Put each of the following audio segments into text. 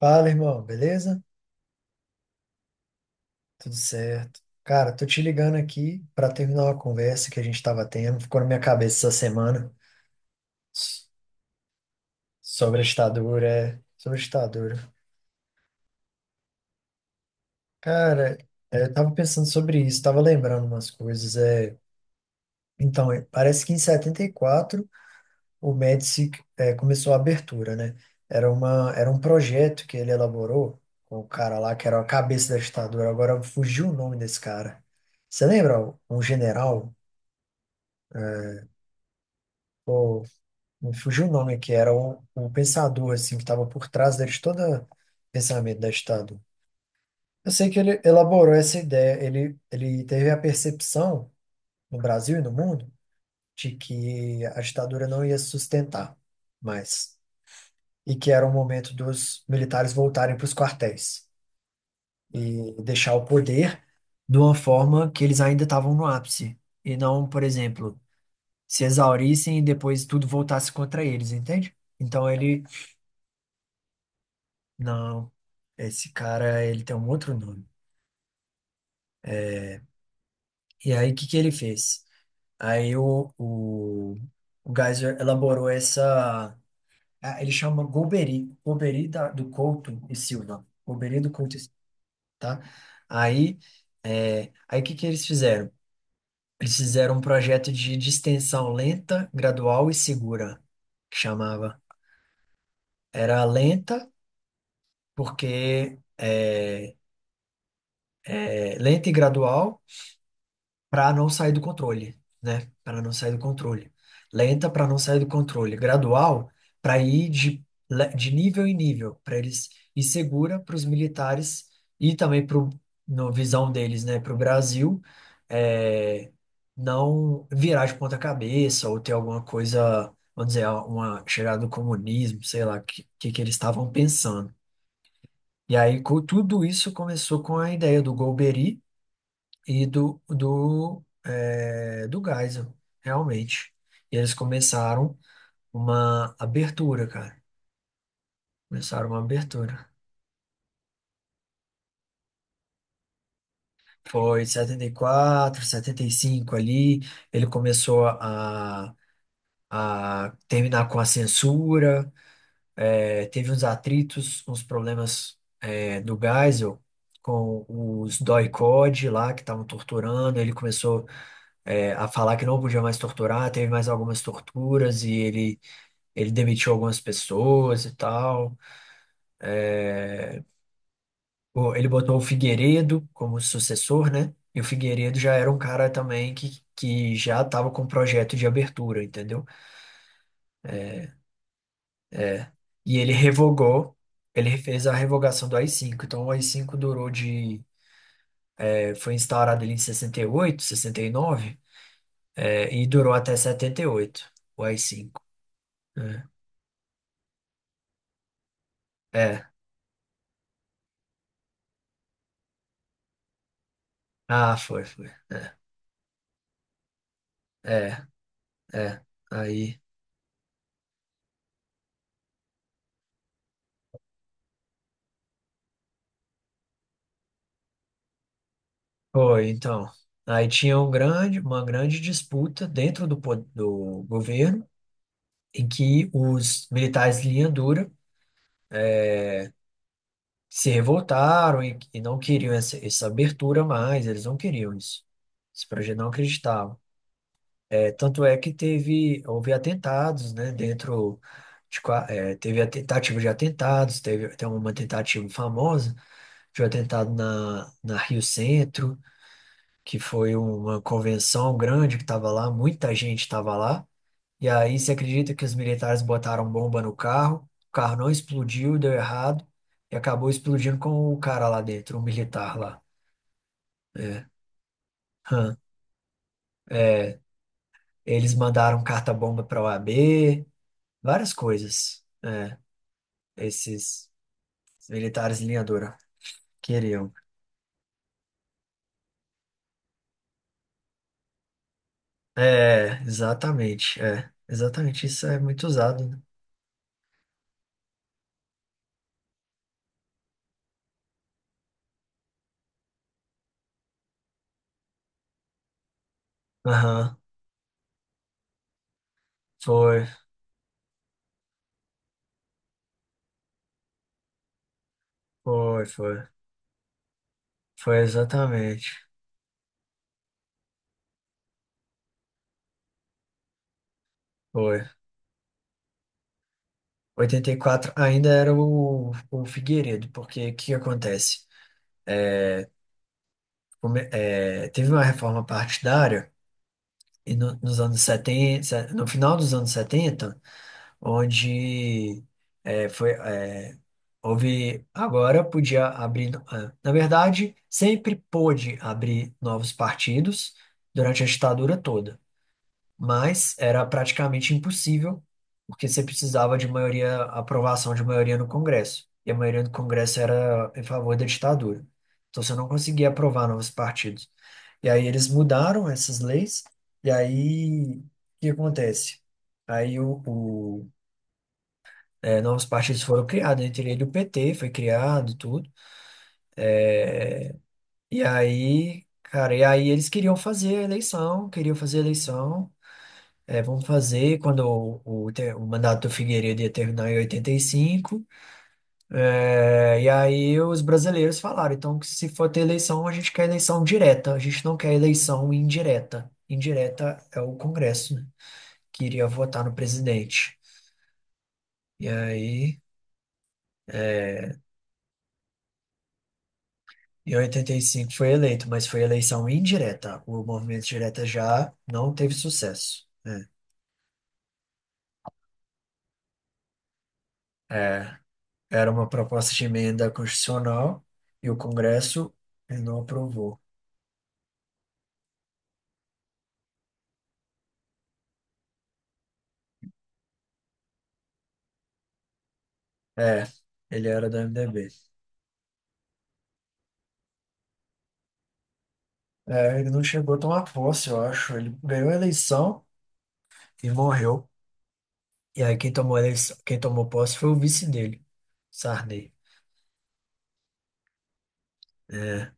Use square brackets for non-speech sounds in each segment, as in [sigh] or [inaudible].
Fala, irmão, beleza? Tudo certo. Cara, tô te ligando aqui para terminar uma conversa que a gente tava tendo, ficou na minha cabeça essa semana. s- Sobre a ditadura. Cara, eu tava pensando sobre isso, tava lembrando umas coisas. Parece que em 74 o Médici começou a abertura, né? Era um projeto que ele elaborou com o cara lá que era a cabeça da ditadura. Agora fugiu o nome desse cara. Você lembra? Um general? Me fugiu o nome, que era o pensador, assim, que estava por trás de todo o pensamento da ditadura. Eu sei que ele elaborou essa ideia. Ele teve a percepção, no Brasil e no mundo, de que a ditadura não ia se sustentar mais, e que era o momento dos militares voltarem para os quartéis e deixar o poder de uma forma que eles ainda estavam no ápice, e não, por exemplo, se exaurissem e depois tudo voltasse contra eles, entende? Então ele... Não, esse cara, ele tem um outro nome. E aí, o que que ele fez? Aí, o Geyser elaborou essa... Ele chama Golbery, Golbery do Couto e Silva. Golbery do Couto e Silva, tá? Aí, o que que eles fizeram? Eles fizeram um projeto de distensão lenta, gradual e segura, que chamava. Era lenta porque... lenta e gradual, para não sair do controle, né? Para não sair do controle. Lenta para não sair do controle. Gradual para ir de nível em nível, para eles, e segura para os militares e também para, no visão deles, né? Para o Brasil é, não virar de ponta cabeça ou ter alguma coisa, vamos dizer, uma chegada do comunismo, sei lá, que eles estavam pensando. E aí, tudo isso começou com a ideia do Golbery e do Geisel, realmente. E eles começaram uma abertura, cara. Começaram uma abertura. Foi setenta e quatro, setenta e cinco ali. Ele começou a terminar com a censura. Teve uns atritos, uns problemas, do Geisel com os doi Code lá que estavam torturando. Ele começou a falar que não podia mais torturar. Teve mais algumas torturas e ele demitiu algumas pessoas e tal. Pô, ele botou o Figueiredo como sucessor, né? E o Figueiredo já era um cara também que já estava com projeto de abertura, entendeu? É. E ele fez a revogação do AI-5. Então o AI-5 durou de... Foi instaurado ele em 68, 69, e durou até 78, o AI-5, né? É. Ah, foi, foi. É, é. Aí... Foi, então. Aí tinha uma grande disputa dentro do governo, em que os militares de linha dura eh, se revoltaram e não queriam essa abertura mais. Eles não queriam isso. Esse projeto não acreditava. É tanto é que houve atentados, né, dentro... teve a tentativa de atentados. Teve até uma tentativa famosa de um atentado na Rio Centro, que foi uma convenção grande que estava lá, muita gente estava lá. E aí, você acredita que os militares botaram bomba no carro, o carro não explodiu, deu errado, e acabou explodindo com o cara lá dentro, o militar lá. É. Hã. É, eles mandaram carta-bomba para a OAB, várias coisas. É, esses militares de linha dura queriam. É, exatamente. É, exatamente. Isso é muito usado, né? Aham. Foi, foi, foi. Foi exatamente. Foi. Oitenta e quatro ainda era o Figueiredo, porque o que que acontece? Teve uma reforma partidária e nos anos 70, no final dos anos 70, onde é, foi, é, houve... Agora podia abrir, ah, na verdade, sempre pôde abrir novos partidos durante a ditadura toda. Mas era praticamente impossível, porque você precisava de maioria, aprovação de maioria no Congresso, e a maioria do Congresso era em favor da ditadura. Então você não conseguia aprovar novos partidos. E aí eles mudaram essas leis, e aí o que acontece? Aí novos partidos foram criados, entre ele o PT foi criado, tudo. É, e aí, cara, e aí eles queriam fazer a eleição, queriam fazer a eleição. É, vamos fazer quando o mandato do Figueiredo ia terminar em 85. É, e aí os brasileiros falaram, então, que se for ter eleição, a gente quer eleição direta, a gente não quer eleição indireta. Indireta é o Congresso, né, que iria votar no presidente. E aí, em 85 foi eleito, mas foi eleição indireta. O movimento direta já não teve sucesso, né. É, era uma proposta de emenda constitucional e o Congresso não aprovou. É, ele era do MDB. É, ele não chegou a tomar posse, eu acho. Ele ganhou a eleição e morreu. E aí quem tomou a eleição, quem tomou posse foi o vice dele, Sarney. É,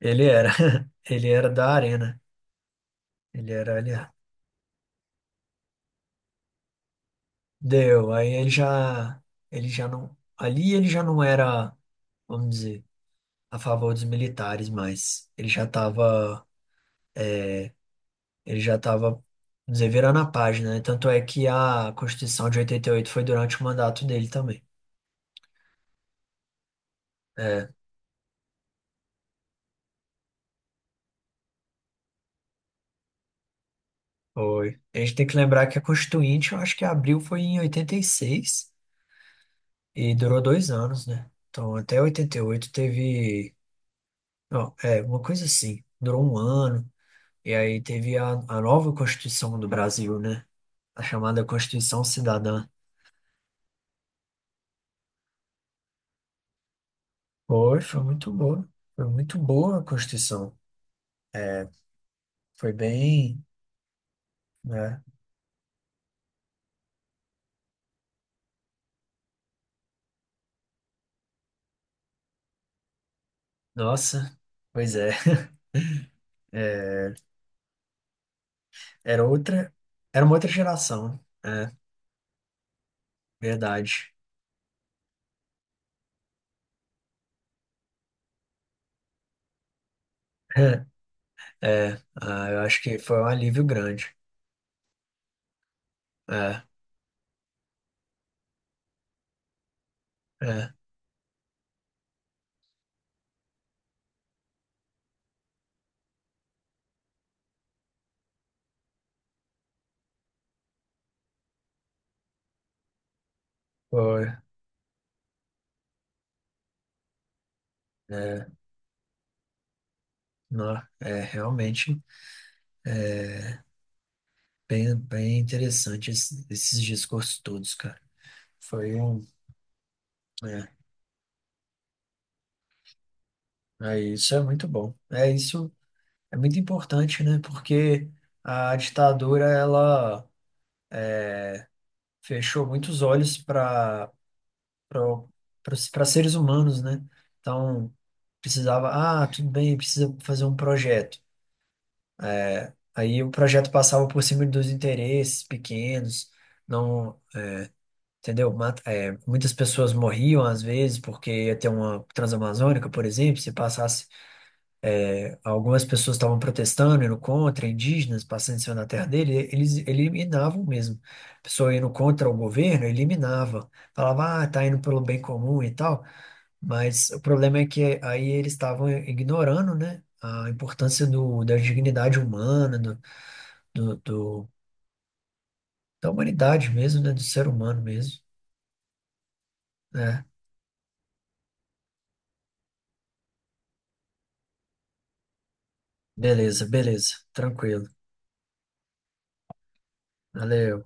ele era, [laughs] ele era da Arena. Ele era ali. Deu. Aí ele já não, ali ele já não era, vamos dizer, a favor dos militares, mas ele já estava deverando a página, né? Tanto é que a Constituição de 88 foi durante o mandato dele também. É, foi. A gente tem que lembrar que a Constituinte, eu acho que abriu foi em oitenta e seis e durou 2 anos, né? Então, até 88 teve. Não, uma coisa assim. Durou um ano. E aí teve a nova Constituição do Brasil, né? A chamada Constituição Cidadã. Foi, foi muito boa. Foi muito boa a Constituição. Foi bem, né? Nossa, pois é. [laughs] É, era outra, era uma outra geração, né? É, verdade. [laughs] É, ah, eu acho que foi um alívio grande. É, é, foi, é, não, é realmente bem, bem interessante esses discursos todos, cara. Foi um, é, é, Isso é muito bom. É isso, é muito importante, né? Porque a ditadura, ela fechou muitos olhos para seres humanos, né? Então, precisava, tudo bem, precisa fazer um projeto. Aí o projeto passava por cima dos interesses pequenos. Não, entendeu? Muitas pessoas morriam às vezes porque ia ter uma Transamazônica, por exemplo, se passasse, algumas pessoas estavam protestando, indo contra, indígenas passando em cima da terra dele, eles eliminavam mesmo. A pessoa indo contra o governo, eliminava. Falava, ah, tá indo pelo bem comum e tal. Mas o problema é que aí eles estavam ignorando, né, a importância do, da dignidade humana, do, do- da humanidade mesmo, né, do ser humano mesmo. É, beleza, beleza, tranquilo. Valeu.